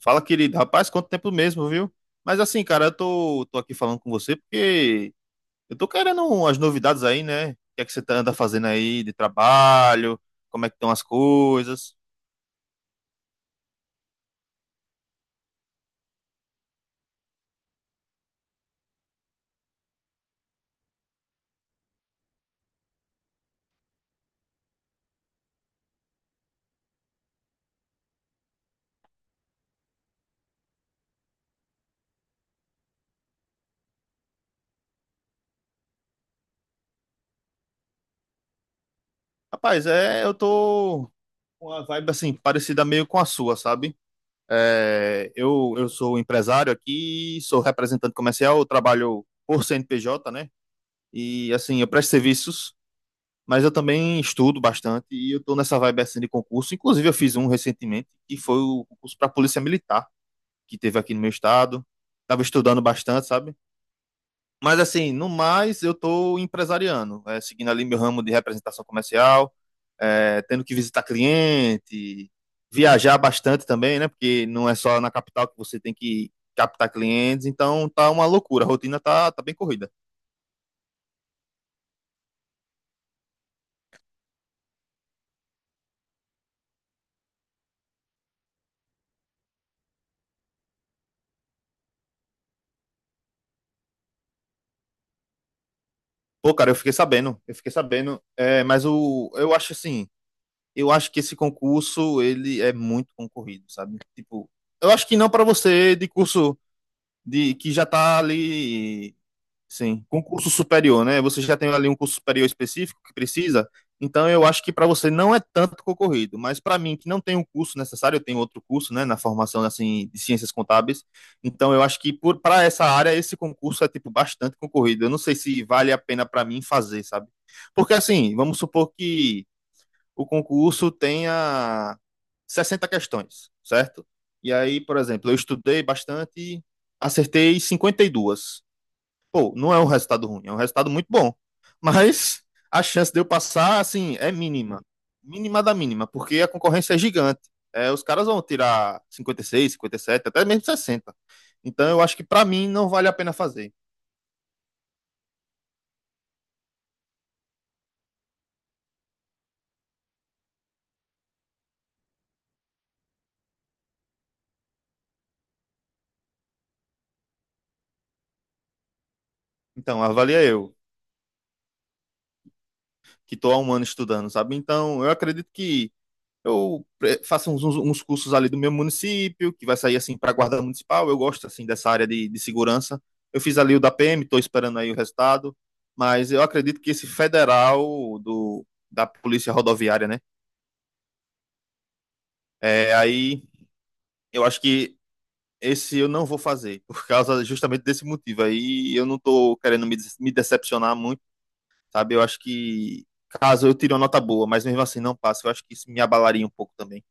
Fala, querido. Rapaz, quanto tempo mesmo, viu? Mas assim, cara, eu tô aqui falando com você porque eu tô querendo umas novidades aí, né? O que é que você anda fazendo aí de trabalho? Como é que estão as coisas? Rapaz, é, eu tô com uma vibe assim, parecida meio com a sua, sabe? É, eu sou empresário aqui, sou representante comercial, eu trabalho por CNPJ, né? E assim, eu presto serviços, mas eu também estudo bastante e eu tô nessa vibe assim de concurso. Inclusive, eu fiz um recentemente, que foi o concurso para Polícia Militar, que teve aqui no meu estado. Tava estudando bastante, sabe? Mas assim, no mais, eu tô empresariando, é, seguindo ali meu ramo de representação comercial, é, tendo que visitar cliente, viajar bastante também, né? Porque não é só na capital que você tem que captar clientes, então tá uma loucura, a rotina tá bem corrida. Pô, cara, eu fiquei sabendo, é, mas o, eu acho assim, eu acho que esse concurso ele é muito concorrido, sabe? Tipo, eu acho que não para você de curso de que já tá ali, sim, concurso superior, né? Você já tem ali um curso superior específico que precisa. Então eu acho que para você não é tanto concorrido, mas para mim que não tem um curso necessário, eu tenho outro curso, né, na formação assim de ciências contábeis. Então eu acho que por para essa área esse concurso é tipo bastante concorrido. Eu não sei se vale a pena para mim fazer, sabe? Porque assim, vamos supor que o concurso tenha 60 questões, certo? E aí, por exemplo, eu estudei bastante, acertei 52. Pô, não é um resultado ruim, é um resultado muito bom. Mas a chance de eu passar, assim, é mínima. Mínima da mínima, porque a concorrência é gigante. É, os caras vão tirar cinquenta, cinquenta e seis, cinquenta e sete, até mesmo 60. Então eu acho que para mim não vale a pena fazer. Então, avalia eu, que tô há um ano estudando, sabe? Então, eu acredito que faço uns cursos ali do meu município, que vai sair assim para a guarda municipal. Eu gosto assim dessa área de segurança. Eu fiz ali o da PM, estou esperando aí o resultado. Mas eu acredito que esse federal da Polícia Rodoviária, né? É, aí eu acho que esse eu não vou fazer, por causa justamente desse motivo. Aí eu não estou querendo me decepcionar muito, sabe? Eu acho que caso eu tire uma nota boa, mas mesmo assim não passe, eu acho que isso me abalaria um pouco também.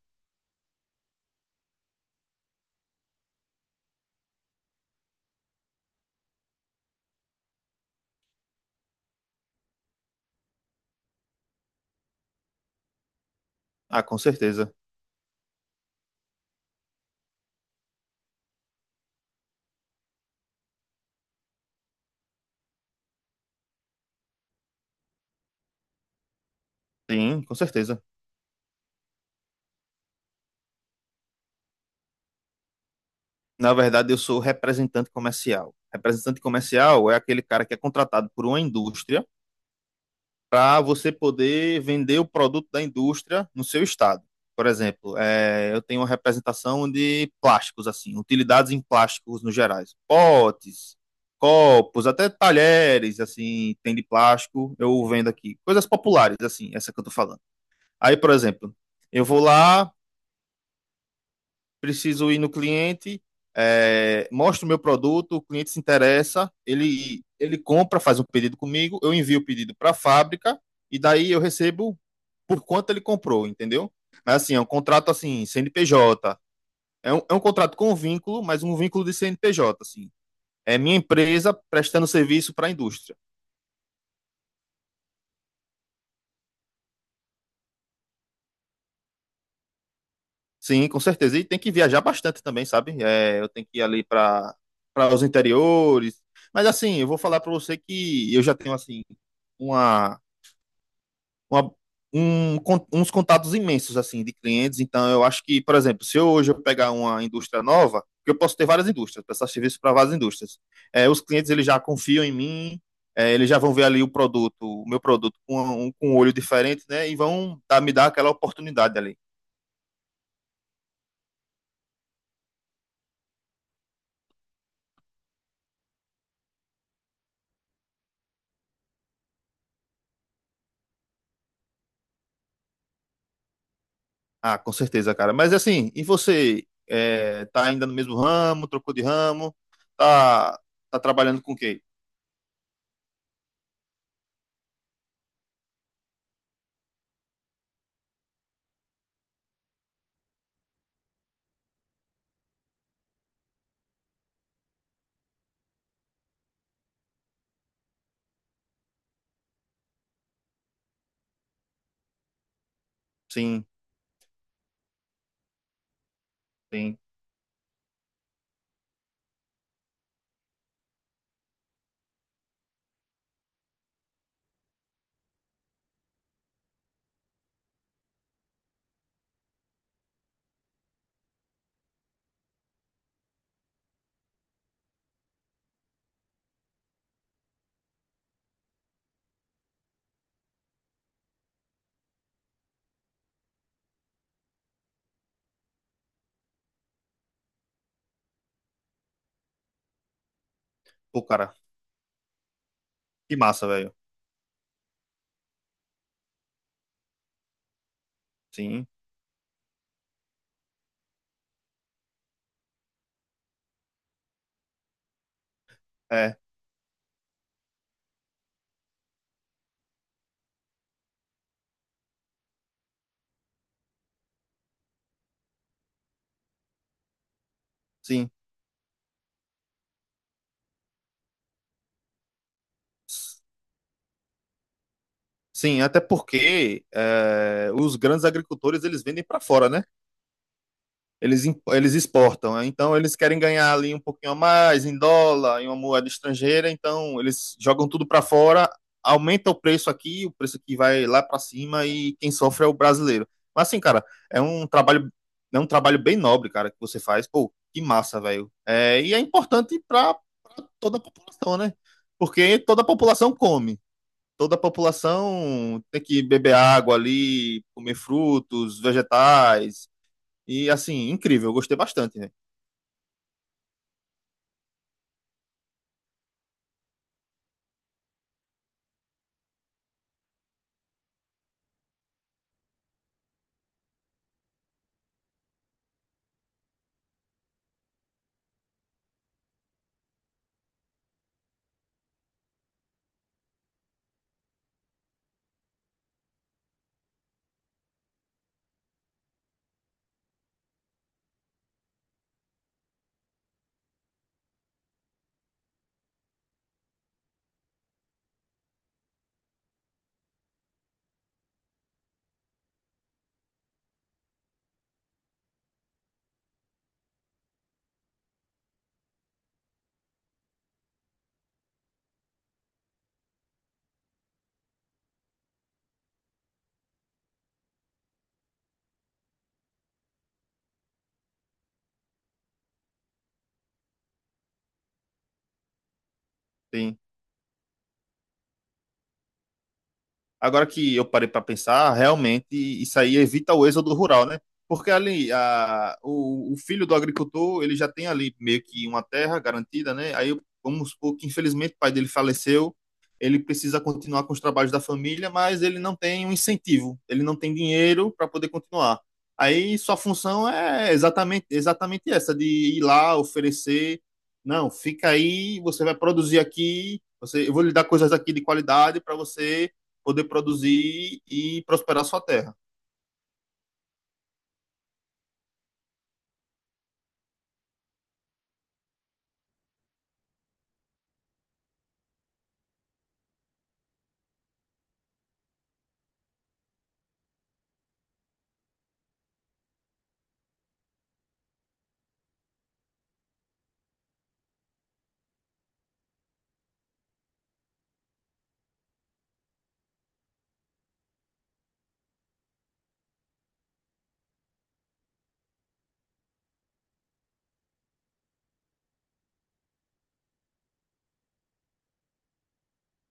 Ah, com certeza. Sim, com certeza. Na verdade, eu sou representante comercial. Representante comercial é aquele cara que é contratado por uma indústria para você poder vender o produto da indústria no seu estado. Por exemplo, eu tenho uma representação de plásticos, assim, utilidades em plásticos no gerais. Potes, copos, até talheres, assim, tem de plástico, eu vendo aqui. Coisas populares, assim, essa que eu tô falando. Aí, por exemplo, eu vou lá, preciso ir no cliente, é, mostro o meu produto, o cliente se interessa, ele compra, faz um pedido comigo, eu envio o pedido para a fábrica e daí eu recebo por quanto ele comprou, entendeu? Mas assim, é um contrato assim, CNPJ. É um contrato com um vínculo, mas um vínculo de CNPJ, assim. É minha empresa prestando serviço para a indústria. Sim, com certeza. E tem que viajar bastante também, sabe? É, eu tenho que ir ali para os interiores. Mas assim, eu vou falar para você que eu já tenho assim uma, uma uns contatos imensos assim de clientes. Então, eu acho que, por exemplo, se eu, hoje eu pegar uma indústria nova, porque eu posso ter várias indústrias, prestar serviço para várias indústrias. É, os clientes eles já confiam em mim. É, eles já vão ver ali o produto, o meu produto com um olho diferente, né? E vão me dar aquela oportunidade ali. Ah, com certeza, cara. Mas assim, e você? É, tá ainda no mesmo ramo, trocou de ramo? Tá, tá trabalhando com o quê? Sim, sim. Pô, cara, que massa, velho. Sim, é, sim. Sim, até porque é, os grandes agricultores eles vendem para fora, né? Eles exportam, né? Então eles querem ganhar ali um pouquinho a mais em dólar, em uma moeda estrangeira, então eles jogam tudo para fora, aumenta o preço aqui vai lá para cima e quem sofre é o brasileiro. Mas assim, cara, é um trabalho, é um trabalho bem nobre, cara, que você faz. Pô, que massa, velho. É, e é importante para toda a população, né? Porque toda a população come. Toda a população tem que beber água ali, comer frutos, vegetais, e assim, incrível, eu gostei bastante, né? Tem Agora que eu parei para pensar, realmente isso aí evita o êxodo rural, né? Porque ali o filho do agricultor, ele já tem ali meio que uma terra garantida, né? Aí vamos supor que infelizmente o pai dele faleceu, ele precisa continuar com os trabalhos da família, mas ele não tem um incentivo, ele não tem dinheiro para poder continuar. Aí sua função é exatamente essa, de ir lá, oferecer, não, fica aí, você vai produzir aqui, você, eu vou lhe dar coisas aqui de qualidade para você poder produzir e prosperar sua terra.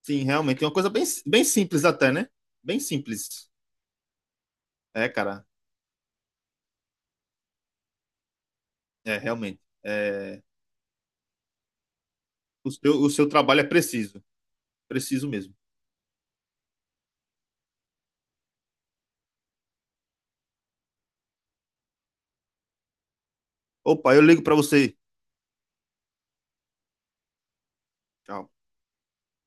Sim, realmente. É uma coisa bem simples até, né? Bem simples. É, cara. É, realmente. É, o seu trabalho é preciso. Preciso mesmo. Opa, eu ligo para você. Tchau.